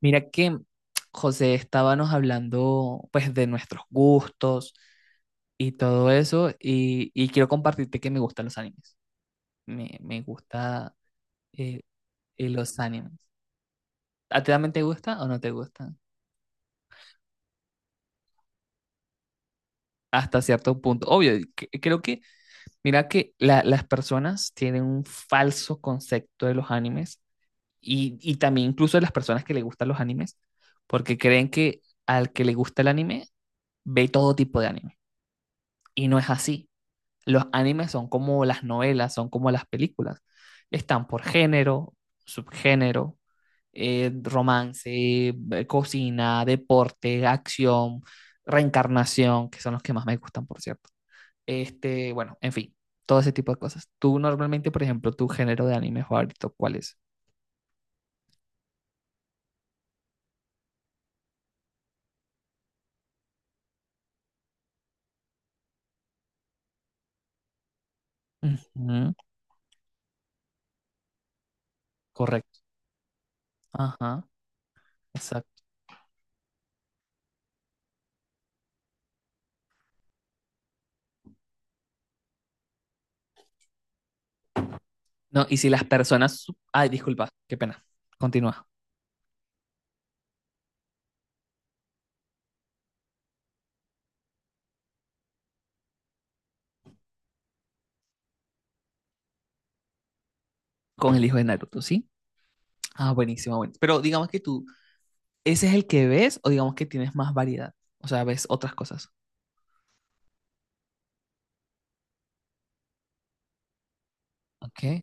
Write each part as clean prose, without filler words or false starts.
Mira que José estábamos hablando pues de nuestros gustos y todo eso y quiero compartirte que me gustan los animes. Me gusta eh, los animes. ¿A ti también te gusta o no te gustan? Hasta cierto punto. Obvio, y creo que, mira que las personas tienen un falso concepto de los animes y también incluso de las personas que les gustan los animes porque creen que al que le gusta el anime ve todo tipo de anime y no es así. Los animes son como las novelas, son como las películas. Están por género, subgénero, romance, cocina, deporte, acción, reencarnación, que son los que más me gustan, por cierto. Este, bueno, en fin, todo ese tipo de cosas. Tú normalmente, por ejemplo, tu género de anime favorito, ¿cuál es? Ujú, correcto. Ajá, exacto. No, y si las personas... Ay, disculpa, qué pena. Continúa con el hijo de Naruto, ¿sí? Ah, buenísimo, bueno. Pero digamos que tú ¿ese es el que ves o digamos que tienes más variedad? O sea, ves otras cosas. Ok,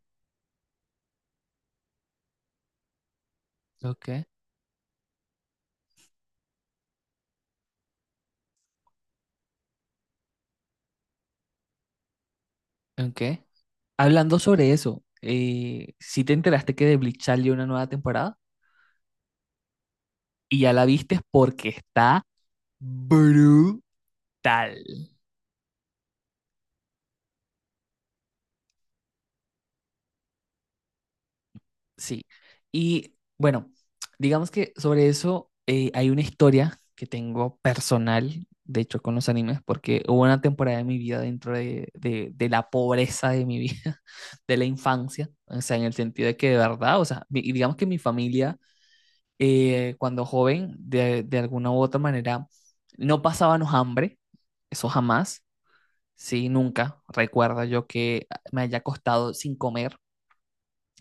ok, ok. Hablando sobre eso, si te enteraste que de Bleach salió una nueva temporada y ya la viste porque está brutal. Sí. Y bueno, digamos que sobre eso hay una historia que tengo personal, de hecho, con los animes, porque hubo una temporada de mi vida dentro de, de la pobreza de mi vida, de la infancia, o sea, en el sentido de que de verdad, o sea, y digamos que mi familia, cuando joven, de alguna u otra manera, no pasábamos hambre, eso jamás, sí, nunca recuerdo yo que me haya costado sin comer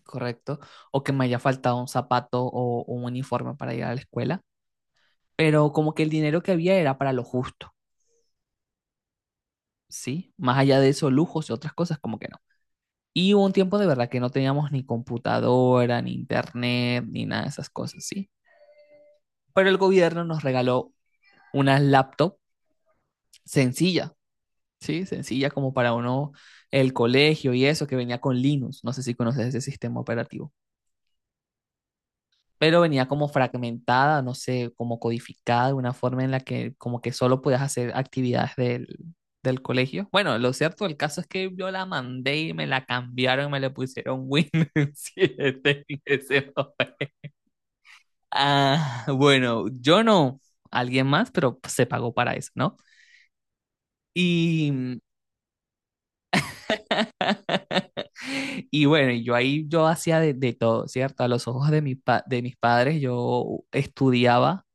correcto, o que me haya faltado un zapato o un uniforme para ir a la escuela, pero como que el dinero que había era para lo justo, ¿sí? Más allá de eso, lujos y otras cosas, como que no. Y hubo un tiempo de verdad que no teníamos ni computadora, ni internet, ni nada de esas cosas, ¿sí? Pero el gobierno nos regaló una laptop sencilla, ¿sí? Sencilla como para uno, el colegio y eso, que venía con Linux, no sé si conoces ese sistema operativo. Pero venía como fragmentada, no sé, como codificada de una forma en la que como que solo podías hacer actividades del colegio. Bueno, lo cierto del caso es que yo la mandé y me la cambiaron, me le pusieron Win 7 en ese momento. Ah, bueno, yo no, alguien más, pero se pagó para eso, ¿no? Y y bueno, y yo ahí yo hacía de todo, ¿cierto? A los ojos de, de mis padres yo estudiaba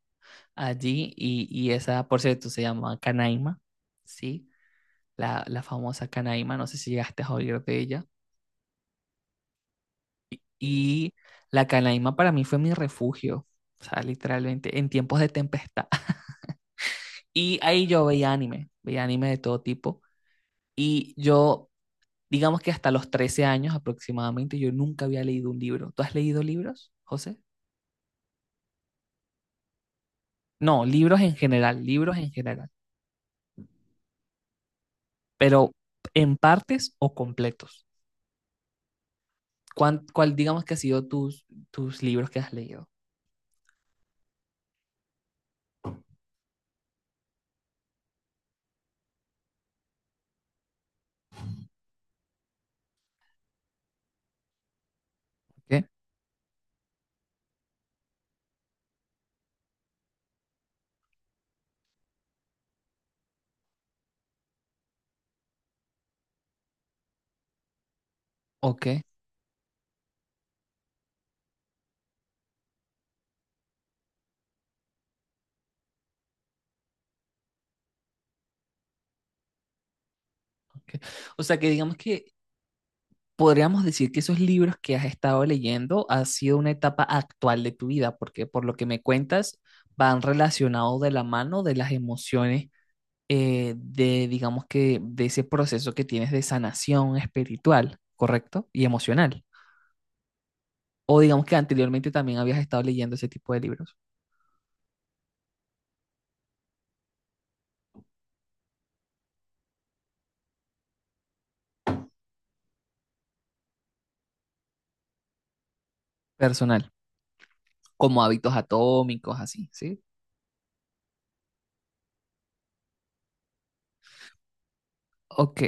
allí y esa, por cierto, se llama Canaima, ¿sí? La famosa Canaima, no sé si llegaste a oír de ella. Y la Canaima para mí fue mi refugio, o sea, literalmente, en tiempos de tempestad. Y ahí yo veía anime de todo tipo. Y yo, digamos que hasta los 13 años aproximadamente, yo nunca había leído un libro. ¿Tú has leído libros, José? No, libros en general, pero en partes o completos. ¿Cuál, cuál digamos que ha sido tus, tus libros que has leído? Okay, ¿ok? Ok. O sea que digamos que podríamos decir que esos libros que has estado leyendo ha sido una etapa actual de tu vida, porque por lo que me cuentas van relacionados de la mano de las emociones de, digamos que, de ese proceso que tienes de sanación espiritual, ¿correcto? Y emocional. O digamos que anteriormente también habías estado leyendo ese tipo de libros personal, como hábitos atómicos, así, ¿sí? Ok,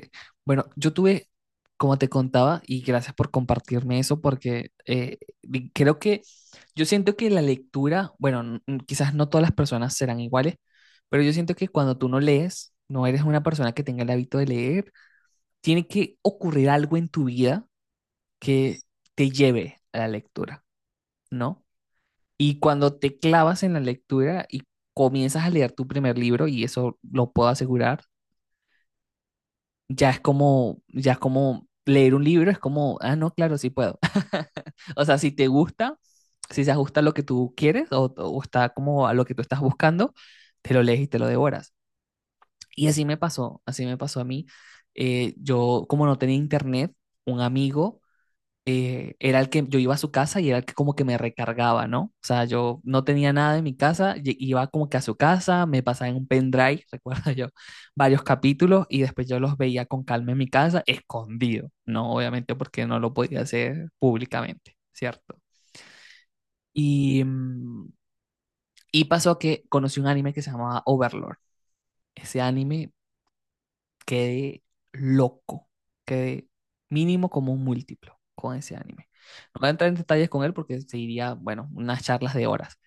bueno, yo tuve, como te contaba, y gracias por compartirme eso, porque creo que yo siento que la lectura, bueno, quizás no todas las personas serán iguales, pero yo siento que cuando tú no lees, no eres una persona que tenga el hábito de leer, tiene que ocurrir algo en tu vida que te lleve a la lectura, ¿no? Y cuando te clavas en la lectura y comienzas a leer tu primer libro, y eso lo puedo asegurar, ya es como leer un libro, es como, ah, no, claro, sí puedo. O sea, si te gusta, si se ajusta a lo que tú quieres o está como a lo que tú estás buscando, te lo lees y te lo devoras. Y así me pasó a mí. Yo, como no tenía internet, un amigo era el que yo iba a su casa y era el que como que me recargaba, ¿no? O sea, yo no tenía nada en mi casa, iba como que a su casa, me pasaba en un pendrive, recuerdo yo, varios capítulos y después yo los veía con calma en mi casa, escondido, ¿no? Obviamente porque no lo podía hacer públicamente, ¿cierto? Y, y pasó que conocí un anime que se llamaba Overlord. Ese anime quedé loco, quedé mínimo como un múltiplo con ese anime. No voy a entrar en detalles con él porque seguiría, bueno, unas charlas de horas.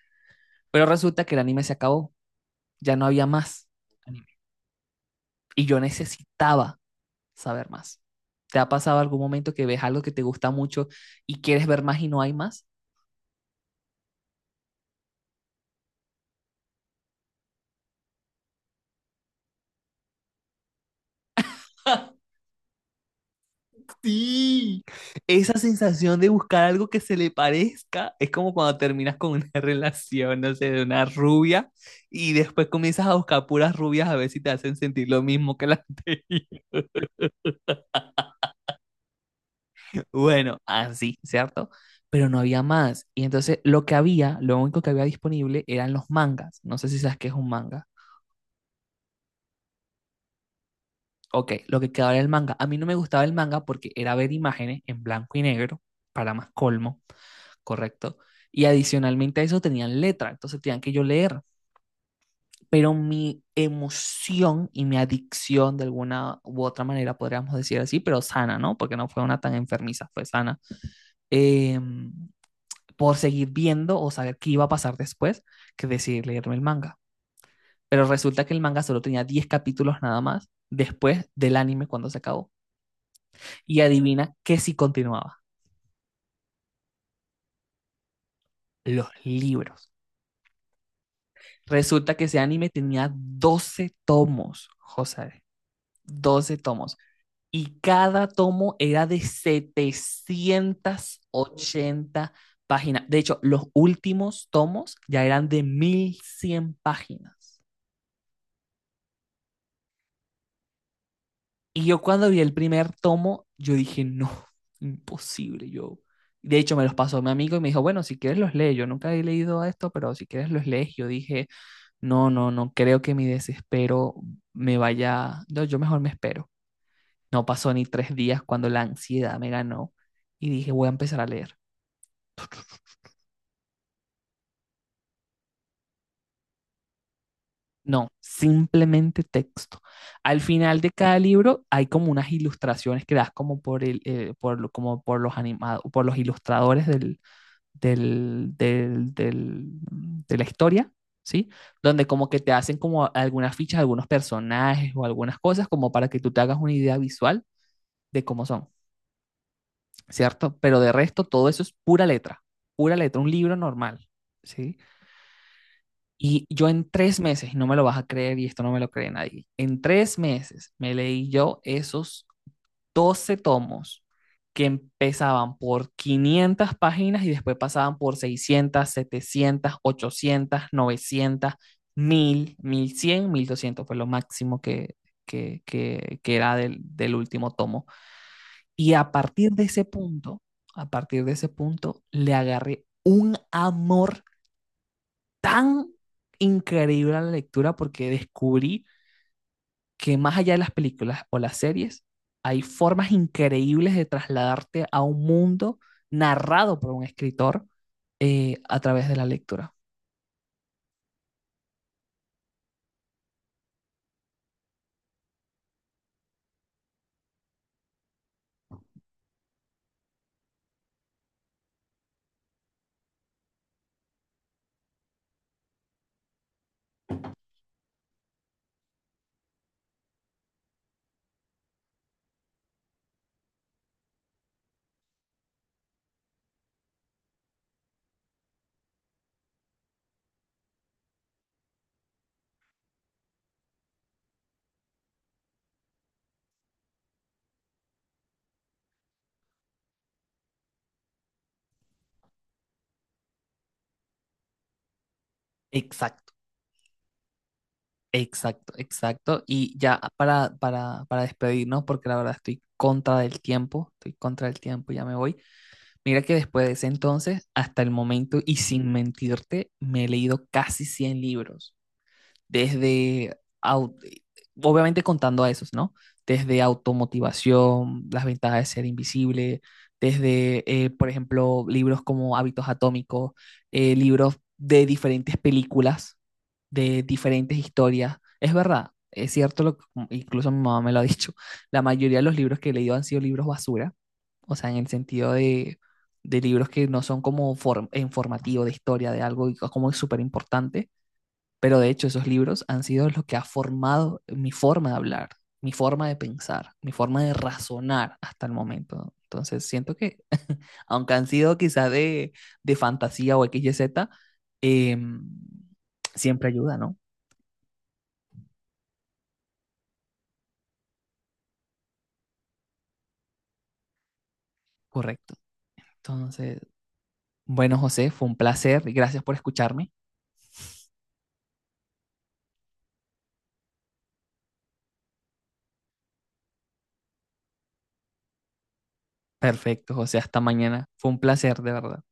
Pero resulta que el anime se acabó, ya no había más anime. Y yo necesitaba saber más. ¿Te ha pasado algún momento que ves algo que te gusta mucho y quieres ver más y no hay más? Sí, esa sensación de buscar algo que se le parezca es como cuando terminas con una relación, no sé, de una rubia y después comienzas a buscar puras rubias a ver si te hacen sentir lo mismo que la anterior. Bueno, así, ¿cierto? Pero no había más. Y entonces lo que había, lo único que había disponible eran los mangas. No sé si sabes qué es un manga. Ok, lo que quedaba era el manga. A mí no me gustaba el manga porque era ver imágenes en blanco y negro, para más colmo, correcto. Y adicionalmente a eso tenían letra, entonces tenían que yo leer. Pero mi emoción y mi adicción, de alguna u otra manera, podríamos decir así, pero sana, ¿no? Porque no fue una tan enfermiza, fue sana. eh, por seguir viendo o saber qué iba a pasar después, que decidir leerme el manga. Pero resulta que el manga solo tenía 10 capítulos nada más después del anime cuando se acabó. Y adivina que si continuaba, los libros. Resulta que ese anime tenía 12 tomos, José, 12 tomos. Y cada tomo era de 780 páginas. De hecho, los últimos tomos ya eran de 1100 páginas. Y yo cuando vi el primer tomo, yo dije, no, imposible, yo. De hecho, me los pasó mi amigo y me dijo, bueno, si quieres los lees. Yo nunca he leído esto, pero si quieres los lees. Yo dije, no, no, no creo que mi desespero me vaya. No, yo mejor me espero. No pasó ni 3 días cuando la ansiedad me ganó y dije, voy a empezar a leer. No, simplemente texto. Al final de cada libro hay como unas ilustraciones que das como por el, por, como por los animados, por los ilustradores del, del, del- de la historia, ¿sí? Donde como que te hacen como algunas fichas, algunos personajes o algunas cosas como para que tú te hagas una idea visual de cómo son. ¿Cierto? Pero de resto, todo eso es pura letra, un libro normal, ¿sí? Y yo en 3 meses, y no me lo vas a creer, y esto no me lo cree nadie, en 3 meses me leí yo esos 12 tomos que empezaban por 500 páginas y después pasaban por 600, 700, 800, 900, cien, 1200 fue lo máximo que era del último tomo. Y a partir de ese punto, a partir de ese punto, le agarré un amor tan increíble a la lectura porque descubrí que más allá de las películas o las series, hay formas increíbles de trasladarte a un mundo narrado por un escritor a través de la lectura. Exacto, exacto, exacto. Y ya para despedirnos, porque la verdad estoy contra del tiempo, estoy contra del tiempo, ya me voy. Mira que después de ese entonces, hasta el momento, y sin mentirte, me he leído casi 100 libros, desde, obviamente contando a esos, ¿no? Desde automotivación, las ventajas de ser invisible, desde, por ejemplo, libros como Hábitos Atómicos, libros de diferentes películas, de diferentes historias. Es verdad, es cierto, lo, incluso mi mamá me lo ha dicho, la mayoría de los libros que he leído han sido libros basura o sea, en el sentido de libros que no son como informativo de historia, de algo y como es súper importante, pero de hecho esos libros han sido los que ha formado mi forma de hablar, mi forma de pensar, mi forma de razonar hasta el momento. Entonces siento que, aunque han sido quizás de fantasía o X XYZ, em, siempre ayuda, ¿no? Correcto. Entonces, bueno, José, fue un placer y gracias por escucharme. Perfecto, José, hasta mañana. Fue un placer, de verdad.